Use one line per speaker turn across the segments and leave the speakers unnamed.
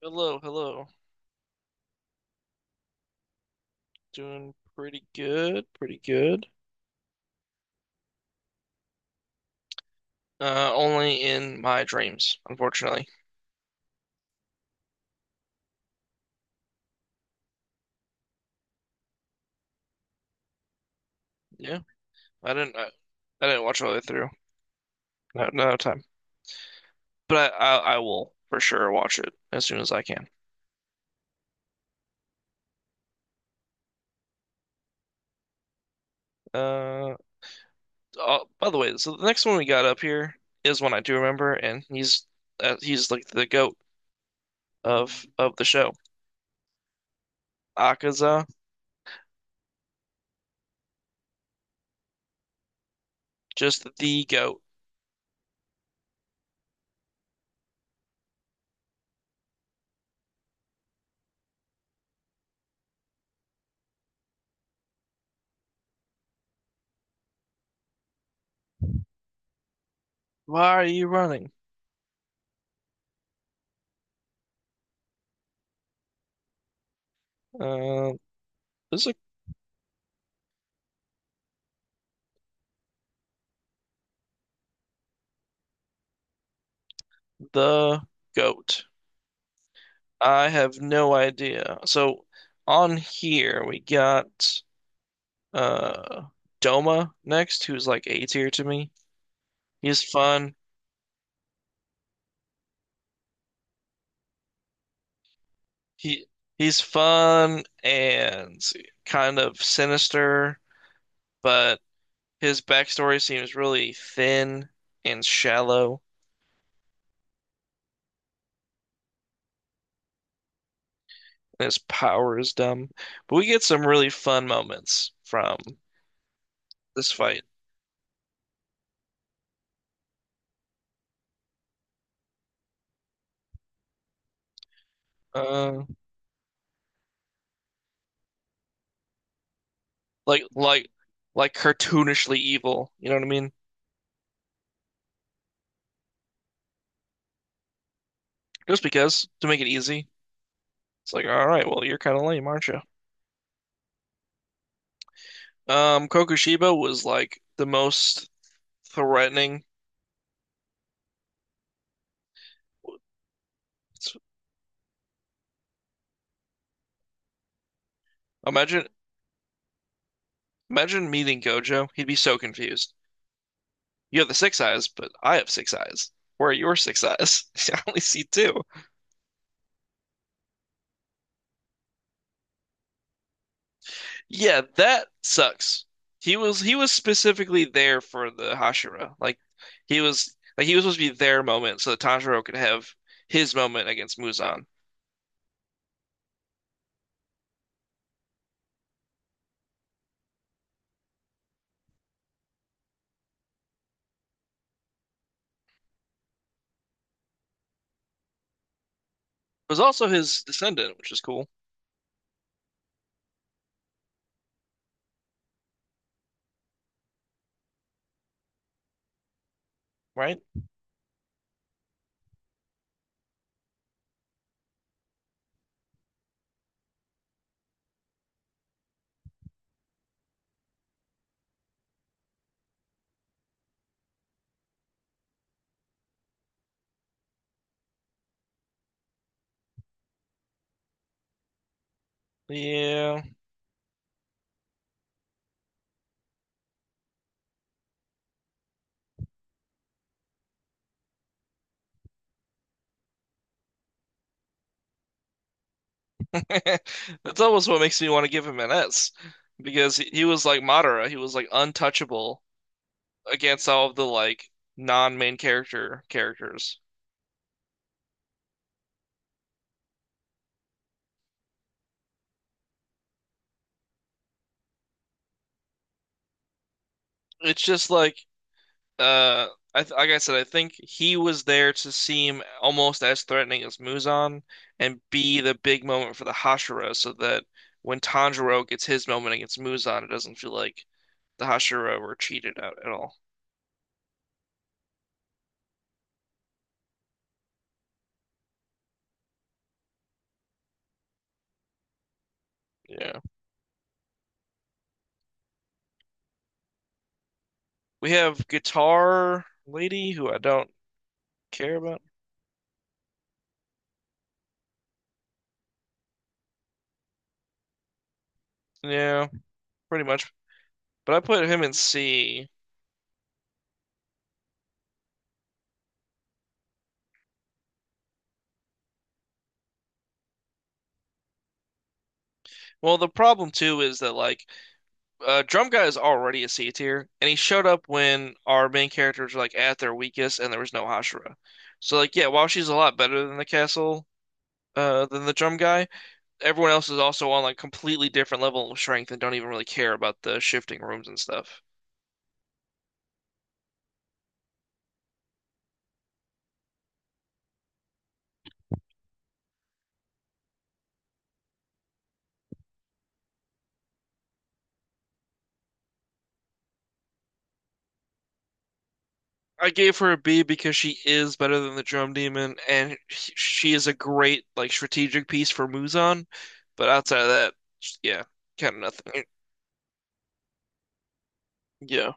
Hello, hello. Doing pretty good, pretty good. Only in my dreams, unfortunately. Yeah, I didn't, I, I didn't watch all the way through. No, no time. But I will for sure watch it as soon as I can. Uh, oh, by the way, so the next one we got up here is one I do remember, and he's like the goat of the show. Akaza, just the goat. Why are you running? Uh, this is like the goat. I have no idea. So on here we got uh Doma next, who's like A tier to me. He's fun. He he's fun and kind of sinister, but his backstory seems really thin and shallow, and his power is dumb. But we get some really fun moments from this fight. Uh like like like cartoonishly evil, what I mean? Just because to make it easy. It's like, all right, well, you're kind of lame, aren't you? Kokushiba was like the most threatening. Imagine, Imagine meeting Gojo. He'd be so confused. You have the six eyes, but I have six eyes. Where are your six eyes? I only see two. Yeah, that sucks. He was specifically there for the Hashira. Like he was supposed to be their moment so that Tanjiro could have his moment against Muzan. Was also his descendant, which is cool, right? Yeah. That's almost what makes me want to give him an S because he was like Madara. He was like untouchable against all of the like non-main character characters. It's just like uh I th like I said, I think he was there to seem almost as threatening as Muzan and be the big moment for the Hashira so that when Tanjiro gets his moment against Muzan, it doesn't feel like the Hashira were cheated out at all. Yeah. We have Guitar Lady who I don't care about. Yeah, pretty much. But I put him in C. Well, the problem too is that Drum Guy is already a C tier, and he showed up when our main characters were like at their weakest, and there was no Hashira. So like, yeah, while she's a lot better than the castle, than the Drum Guy, everyone else is also on like completely different level of strength and don't even really care about the shifting rooms and stuff. I gave her a B because she is better than the Drum Demon, and she is a great like strategic piece for Muzan. But outside of that, yeah, kind of nothing. Yeah.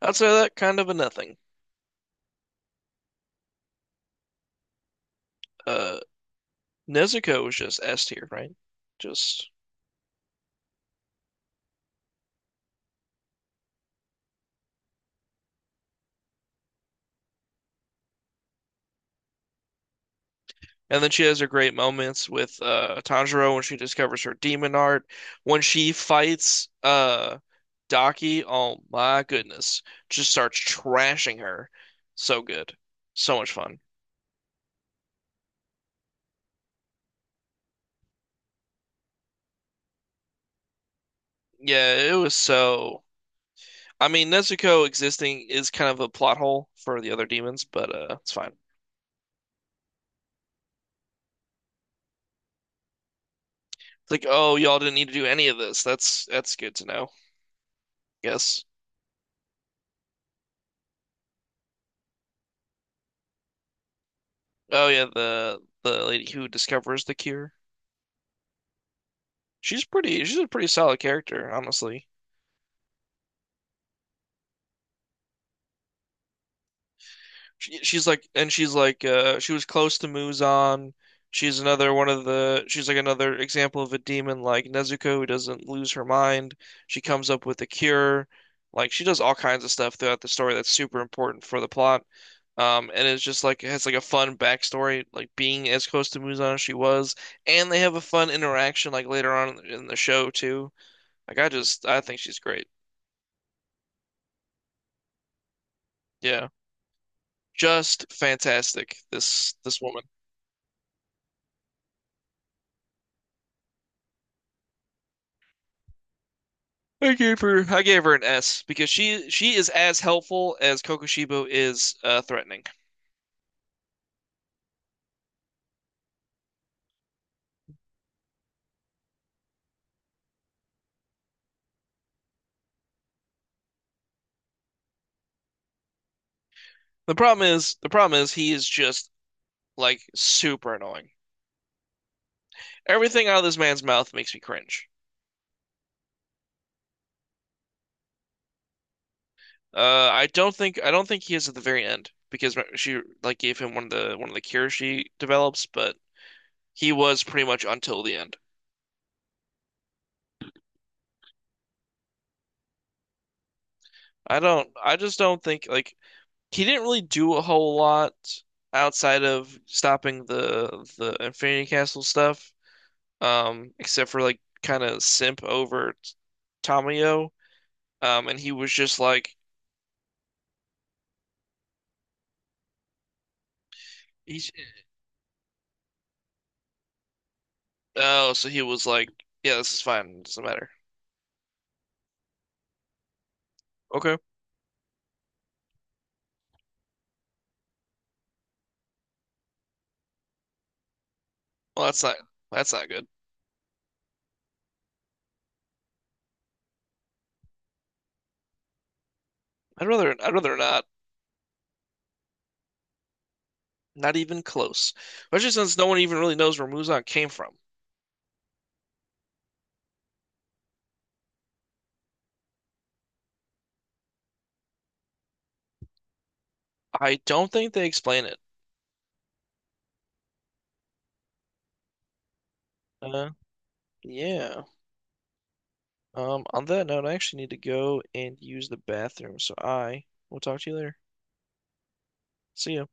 Outside of that, kind of a nothing. Uh, Nezuko was just S tier, right? Just and then she has her great moments with Tanjiro when she discovers her demon art, when she fights Daki. Oh my goodness, just starts trashing her. So good, so much fun. Yeah, it was so. I mean, Nezuko existing is kind of a plot hole for the other demons, but it's fine. It's like, oh, y'all didn't need to do any of this. That's good to know. Yes. Oh yeah, the lady who discovers the cure. She's pretty. She's a pretty solid character, honestly. She's like, she was close to Muzan. She's another one of the. She's like another example of a demon like Nezuko who doesn't lose her mind. She comes up with a cure. Like she does all kinds of stuff throughout the story that's super important for the plot. And it's just like it has like a fun backstory, like being as close to Muzan as she was, and they have a fun interaction like later on in the show too. Like I think she's great. Yeah. Just fantastic. This woman. I gave her an S because she is as helpful as Kokushibo is threatening. The problem is he is just like super annoying. Everything out of this man's mouth makes me cringe. I don't think he is at the very end because she like gave him one of the cures she develops, but he was pretty much until the end. I just don't think like he didn't really do a whole lot outside of stopping the Infinity Castle stuff, except for like kind of simp over Tamayo. And he was just like he's oh, so he was like, yeah, this is fine, it doesn't matter. Okay, well that's not good. I'd rather not, not even close. Especially since no one even really knows where Muzan came from. I don't think they explain it. Uh, yeah. On that note, I actually need to go and use the bathroom, so I will talk to you later. See ya.